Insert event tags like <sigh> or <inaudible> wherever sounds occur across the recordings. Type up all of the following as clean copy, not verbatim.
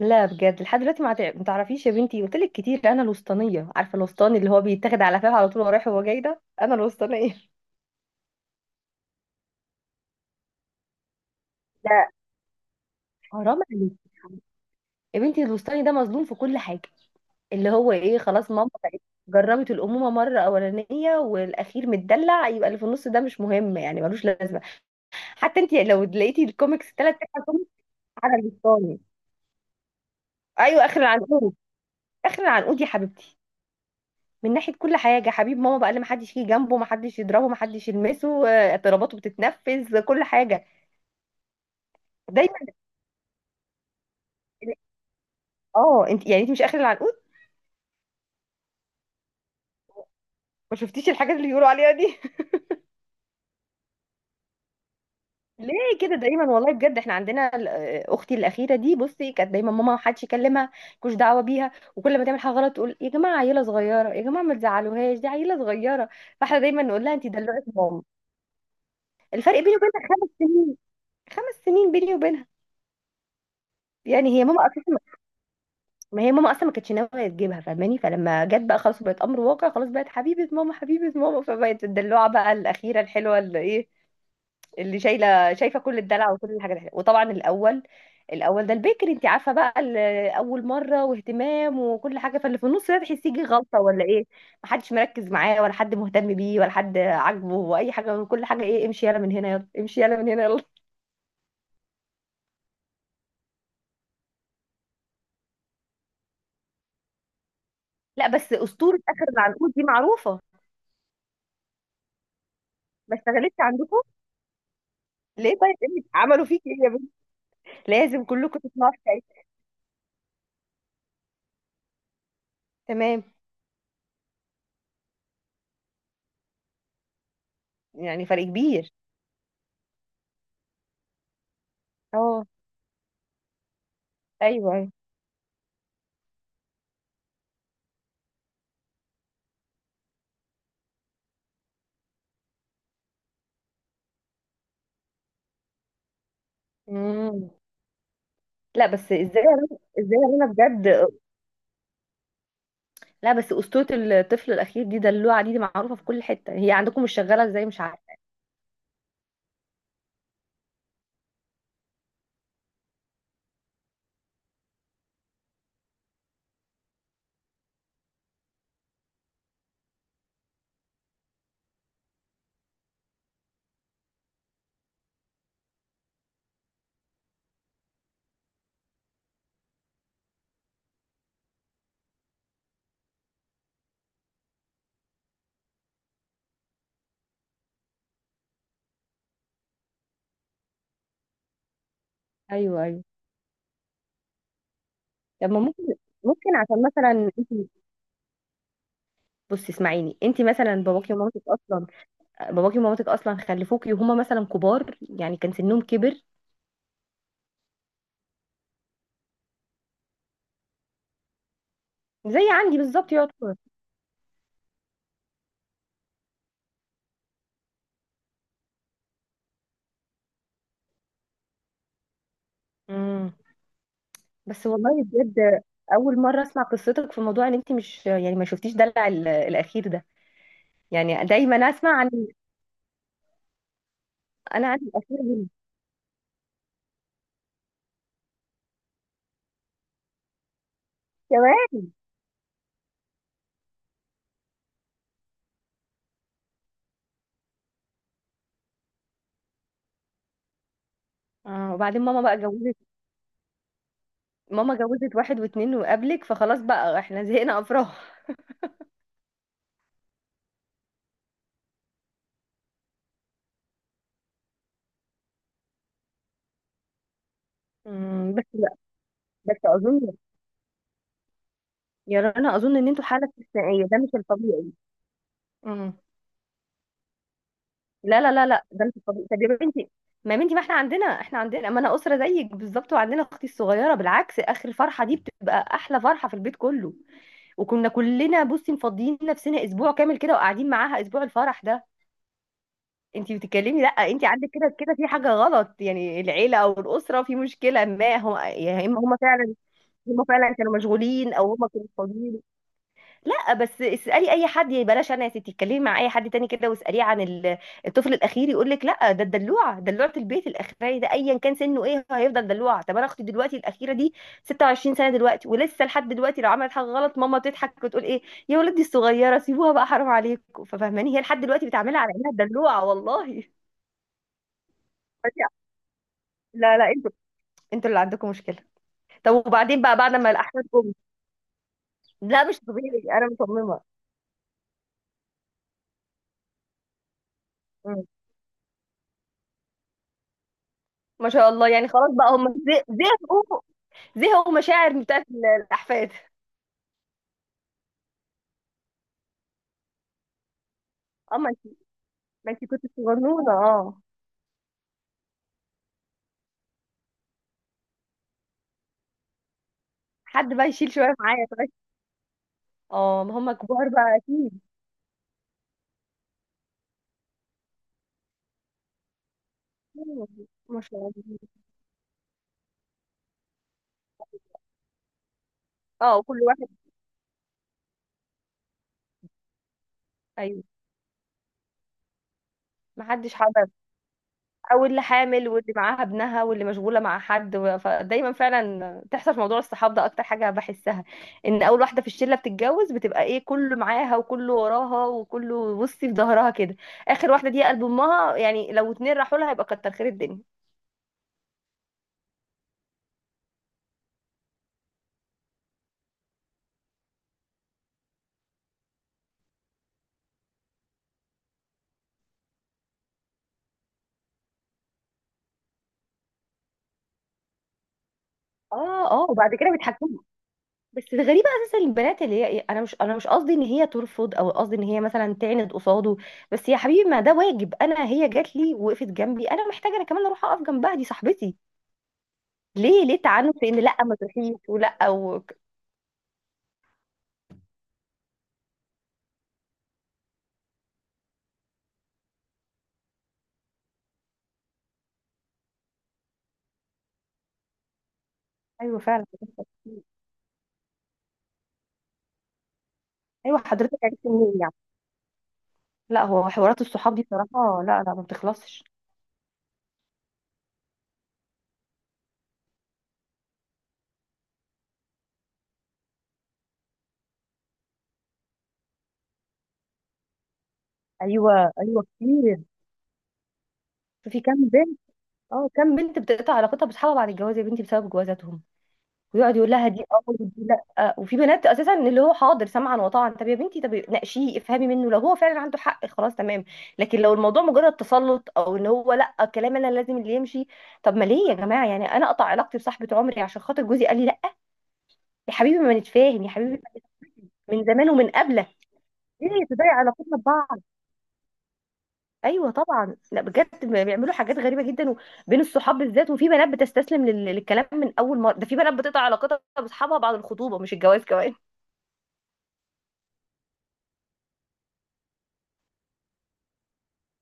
لا بجد لحد دلوقتي ما تعرفيش يا بنتي، قلت لك كتير انا الوسطانيه، عارفه الوسطاني اللي هو بيتاخد على فاهم على طول وهو رايح وهو جاي، ده انا الوسطانيه. لا حرام عليك. يا بنتي الوسطاني ده مظلوم في كل حاجه، اللي هو ايه، خلاص ماما بقت جربت الامومه مره اولانيه والاخير متدلع، يبقى اللي في النص ده مش مهم يعني، ملوش لازمه. حتى انت لو لقيتي الكوميكس ثلاث ارباع كوميكس على الوسطاني. ايوه اخر العنقود. اخر العنقود يا حبيبتي. من ناحية كل حاجة، حبيب ماما بقى اللي محدش يجي جنبه، محدش يضربه، محدش يلمسه، اضطراباته بتتنفذ كل حاجة. دايما. اه انت يعني انت مش اخر العنقود؟ ما شفتيش الحاجات اللي بيقولوا عليها دي؟ <laughs> ليه؟ كده دايما والله بجد، احنا عندنا اختي الاخيره دي بصي كانت دايما ماما، ما حدش يكلمها، ملوش دعوه بيها، وكل ما تعمل حاجه غلط تقول يا جماعه عيله صغيره، يا جماعه ما تزعلوهاش دي عيله صغيره. فاحنا دايما نقول لها انت دلوقتي ماما. الفرق بيني وبينها خمس سنين، خمس سنين بيني وبينها. يعني هي ماما، ما هي ماما اصلا ما كانتش ناويه تجيبها فاهماني، فلما جت بقى خلاص بقت امر واقع، خلاص بقت حبيبه ماما، حبيبه ماما، فبقت الدلوعه بقى الاخيره الحلوه اللي ايه، اللي شايله شايفه كل الدلع وكل الحاجات الحلوه. وطبعا الاول، الاول ده البكري، انت عارفه بقى اول مره واهتمام وكل حاجه، فاللي في النص ده تحسيه غلطه ولا ايه؟ محدش مركز معاه، ولا حد مهتم بيه، ولا حد عاجبه واي حاجه، وكل حاجه ايه، امشي يلا من هنا يلا، امشي يلا من هنا يلا. لا بس اسطوره اخر العنقود دي معروفه. ما اشتغلتش عندكم. ليه طيب إيه؟ عملوا فيك ايه؟ لازم كلكم تسمعوا حكايتي. تمام. يعني فرق كبير. اه. ايوه ايوه. مم. لا بس ازاي يا رنا بجد. لا بس اسطوره الطفل الاخير دي دلوعه دي, دي معروفه في كل حته، هي عندكم مش شغاله ازاي مش عارفه. ايوه ايوه. طب ما ممكن، ممكن عشان مثلا انت، بصي اسمعيني، انت مثلا باباكي ومامتك اصلا، باباكي ومامتك اصلا خلفوكي وهما مثلا كبار، يعني كان سنهم كبر. زي عندي بالظبط يعتبر. مم. بس والله بجد، اول مره اسمع قصتك في موضوع ان انت مش يعني ما شفتيش دلع الاخير ده، يعني دايما اسمع عن، انا عن الاخير هنا. كمان اه. وبعدين ماما بقى جوزت، ماما جوزت واحد واتنين وقبلك، فخلاص بقى احنا زهقنا افراح. بس لا، بس اظن، يا رنا اظن ان انتوا حاله استثنائيه، ده مش الطبيعي. أمم. لا لا لا لا، ده مش الطبيعي طب يا بنتي، ما يا بنتي ما احنا عندنا، احنا عندنا، ما انا اسره زيك بالظبط وعندنا اختي الصغيره، بالعكس اخر فرحه دي بتبقى احلى فرحه في البيت كله. وكنا كلنا بصي مفضيين نفسنا اسبوع كامل كده وقاعدين معاها اسبوع الفرح ده. انت بتتكلمي لا، انت عندك كده كده في حاجه غلط يعني، العيله او الاسره في مشكله، ما هم يا اما هم فعلا، هم فعلا كانوا مشغولين او هم كانوا فاضيين. لا بس اسألي اي حد يعني، بلاش انا، يا ستي اتكلمي مع اي حد تاني كده واسأليه عن الطفل الاخير، يقول لك لا ده الدلوعه، دلوعه البيت الاخير ده ايا كان سنه ايه، هو هيفضل دلوعه. طب انا اختي دلوقتي الاخيره دي 26 سنه دلوقتي، ولسه لحد دلوقتي لو عملت حاجه غلط ماما تضحك وتقول ايه، يا ولدي الصغيره سيبوها بقى، حرام عليكم، ففهماني هي لحد دلوقتي بتعملها على انها دلوعه والله. <laughs> لا لا، انتوا، انتوا اللي عندكم مشكله. طب وبعدين بقى بعد ما الاحفاد جم؟ لا مش طبيعي، انا مصممه. مم. ما شاء الله، يعني خلاص بقى هم زهقوا، زهقوا مشاعر بتاعت الاحفاد. اما انت، ما انت كنت صغنونه اه. حد بقى يشيل شويه معايا طيب. اه ما هم كبار بقى اكيد. أيوة، ما شاء الله. اه كل واحد. ايوه. ما حدش حضر. او اللي حامل واللي معاها ابنها واللي مشغوله مع حد فدايما فعلا تحصل في موضوع الصحاب ده، اكتر حاجه بحسها ان اول واحده في الشله بتتجوز بتبقى ايه، كله معاها وكله وراها وكله بصي في ظهرها كده. اخر واحده دي قلب امها، يعني لو اتنين راحوا لها يبقى كتر خير الدنيا. اه اه. وبعد كده بيتحكموا. بس الغريبة اساسا البنات اللي هي إيه، انا مش قصدي ان هي ترفض، او قصدي ان هي مثلا تعند قصاده، بس يا حبيبي ما ده واجب، انا هي جات لي وقفت جنبي، انا محتاجة انا كمان اروح اقف جنبها، دي صاحبتي. ليه، ليه تعنت في ان لا ما تروحيش، ولا و... ايوه فعلا. ايوه حضرتك عرفت منين يعني؟ لا هو حوارات الصحاب دي صراحة لا لا ما بتخلصش. ايوه ايوه كتير. في كام بنت، اه كام بنت بتقطع علاقتها بصحابها بعد الجواز يا بنتي بسبب جوازاتهم. ويقعد يقول لها دي اه ودي لا، وفي بنات اساسا اللي هو حاضر سمعا وطاعا. طب يا بنتي طب ناقشيه افهمي منه، لو هو فعلا عنده حق خلاص تمام، لكن لو الموضوع مجرد تسلط، او ان هو لا، الكلام انا لازم اللي يمشي، طب ما ليه يا جماعه، يعني انا اقطع علاقتي بصاحبه عمري عشان خاطر جوزي قال لي لا، يا حبيبي ما نتفاهم يا حبيبي من زمان ومن قبله، ليه تضيع علاقتنا ببعض. ايوه طبعا، لا بجد بيعملوا حاجات غريبه جدا بين الصحاب بالذات، وفي بنات بتستسلم للكلام من اول مره، ده في بنات بتقطع علاقتها باصحابها بعد الخطوبه مش الجواز كمان.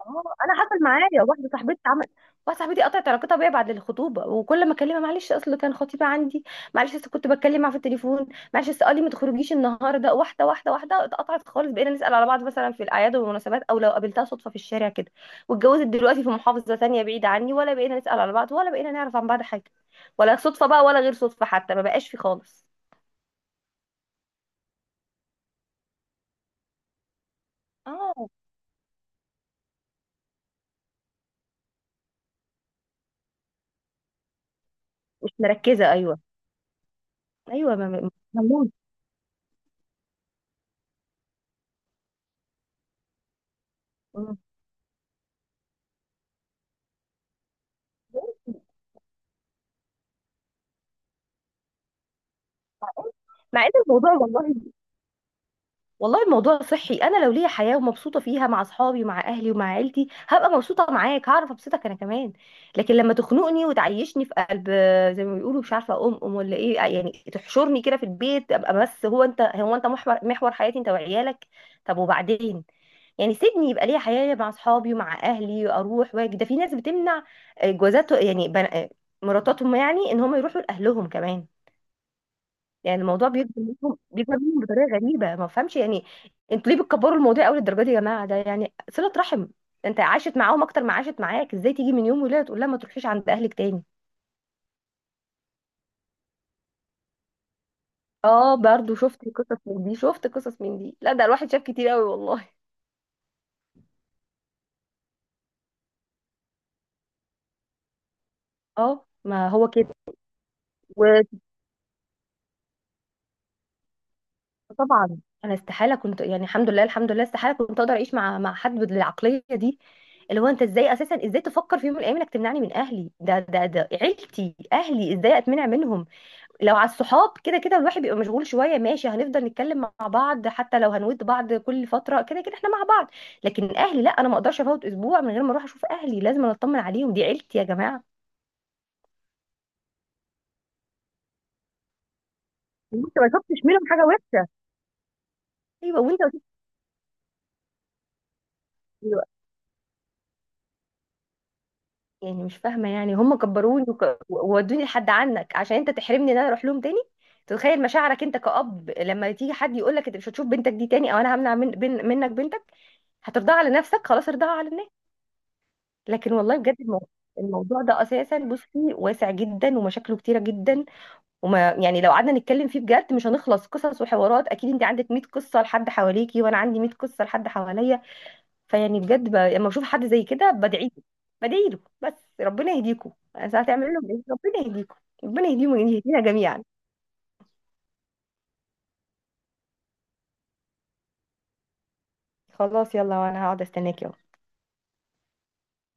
اه انا حصل معايا واحده صاحبتي عمل، واحده صاحبتي قطعت علاقتها بيا بعد الخطوبه، وكل ما اكلمها معلش اصل كان خطيبه عندي، معلش اصل كنت بتكلم معاه في التليفون، معلش اصل قال لي ما تخرجيش النهارده، واحده واحده واحده اتقطعت خالص، بقينا نسال على بعض مثلا في الاعياد والمناسبات، او لو قابلتها صدفه في الشارع كده. واتجوزت دلوقتي في محافظه ثانيه بعيده عني، ولا بقينا نسال على بعض، ولا بقينا نعرف عن بعض حاجه، ولا صدفه بقى ولا غير صدفه، حتى ما بقاش في خالص. اه مش مركزه، ايوه ايوه، ملموم. مع ان الموضوع والله، والله الموضوع صحي، انا لو ليا حياه ومبسوطه فيها مع اصحابي ومع اهلي ومع عيلتي هبقى مبسوطه معاك، هعرف ابسطك انا كمان، لكن لما تخنقني وتعيشني في قلب، زي ما بيقولوا مش عارفه ام ام ولا ايه، يعني تحشرني كده في البيت ابقى بس، انت، هو انت محور حياتي انت وعيالك، طب وبعدين، يعني سيبني يبقى ليا حياه مع اصحابي ومع اهلي اروح واجي، ده في ناس بتمنع جوازات يعني مراتاتهم، يعني ان هم يروحوا لاهلهم كمان، يعني الموضوع بيكبر منهم، بيكبر منهم بطريقه غريبه، ما بفهمش يعني انتوا ليه بتكبروا الموضوع قوي للدرجه دي يا جماعه، ده يعني صله رحم، انت عاشت معاهم اكتر ما عاشت معاك، ازاي تيجي من يوم وليله تقول لها ما تروحيش عند اهلك تاني. اه برضو شفت قصص من دي، شفت قصص من دي، لا ده الواحد شاف كتير قوي والله. اه ما هو كده، وطبعا انا استحاله كنت، يعني الحمد لله الحمد لله استحاله كنت اقدر اعيش مع حد بالعقليه دي، اللي هو انت ازاي اساسا، ازاي تفكر في يوم من الايام انك تمنعني من اهلي، ده عيلتي اهلي ازاي اتمنع منهم، لو على الصحاب كده كده الواحد بيبقى مشغول شويه ماشي، هنفضل نتكلم مع بعض حتى لو هنود بعض كل فتره، كده كده احنا مع بعض، لكن اهلي لا، انا ما اقدرش افوت اسبوع من غير ما اروح اشوف اهلي، لازم أنا اطمن عليهم دي عيلتي يا جماعه. انت ما شفتش منهم حاجه وحشه. ايوه وانت وصلت دلوقتي. يعني مش فاهمه، يعني هم كبروني وودوني لحد عنك عشان انت تحرمني ان انا اروح لهم تاني. تتخيل مشاعرك انت كأب لما تيجي حد يقول لك انت مش هتشوف بنتك دي تاني، او انا همنع من منك بنتك، هترضاها على نفسك؟ خلاص ارضاها على الناس. لكن والله بجد الموضوع ده اساسا بصي واسع جدا ومشاكله كتيره جدا، وما يعني لو قعدنا نتكلم فيه بجد مش هنخلص قصص وحوارات، اكيد انت عندك 100 قصه لحد حواليكي وانا عندي 100 قصه لحد حواليا، فيعني بجد لما بشوف حد زي كده بدعي له، بدعي له بس، ربنا يهديكم، انا هتعمل لهم ايه، ربنا يهديكم، ربنا يهديهم ويهدينا جميعا. خلاص يلا، وانا هقعد استناكي.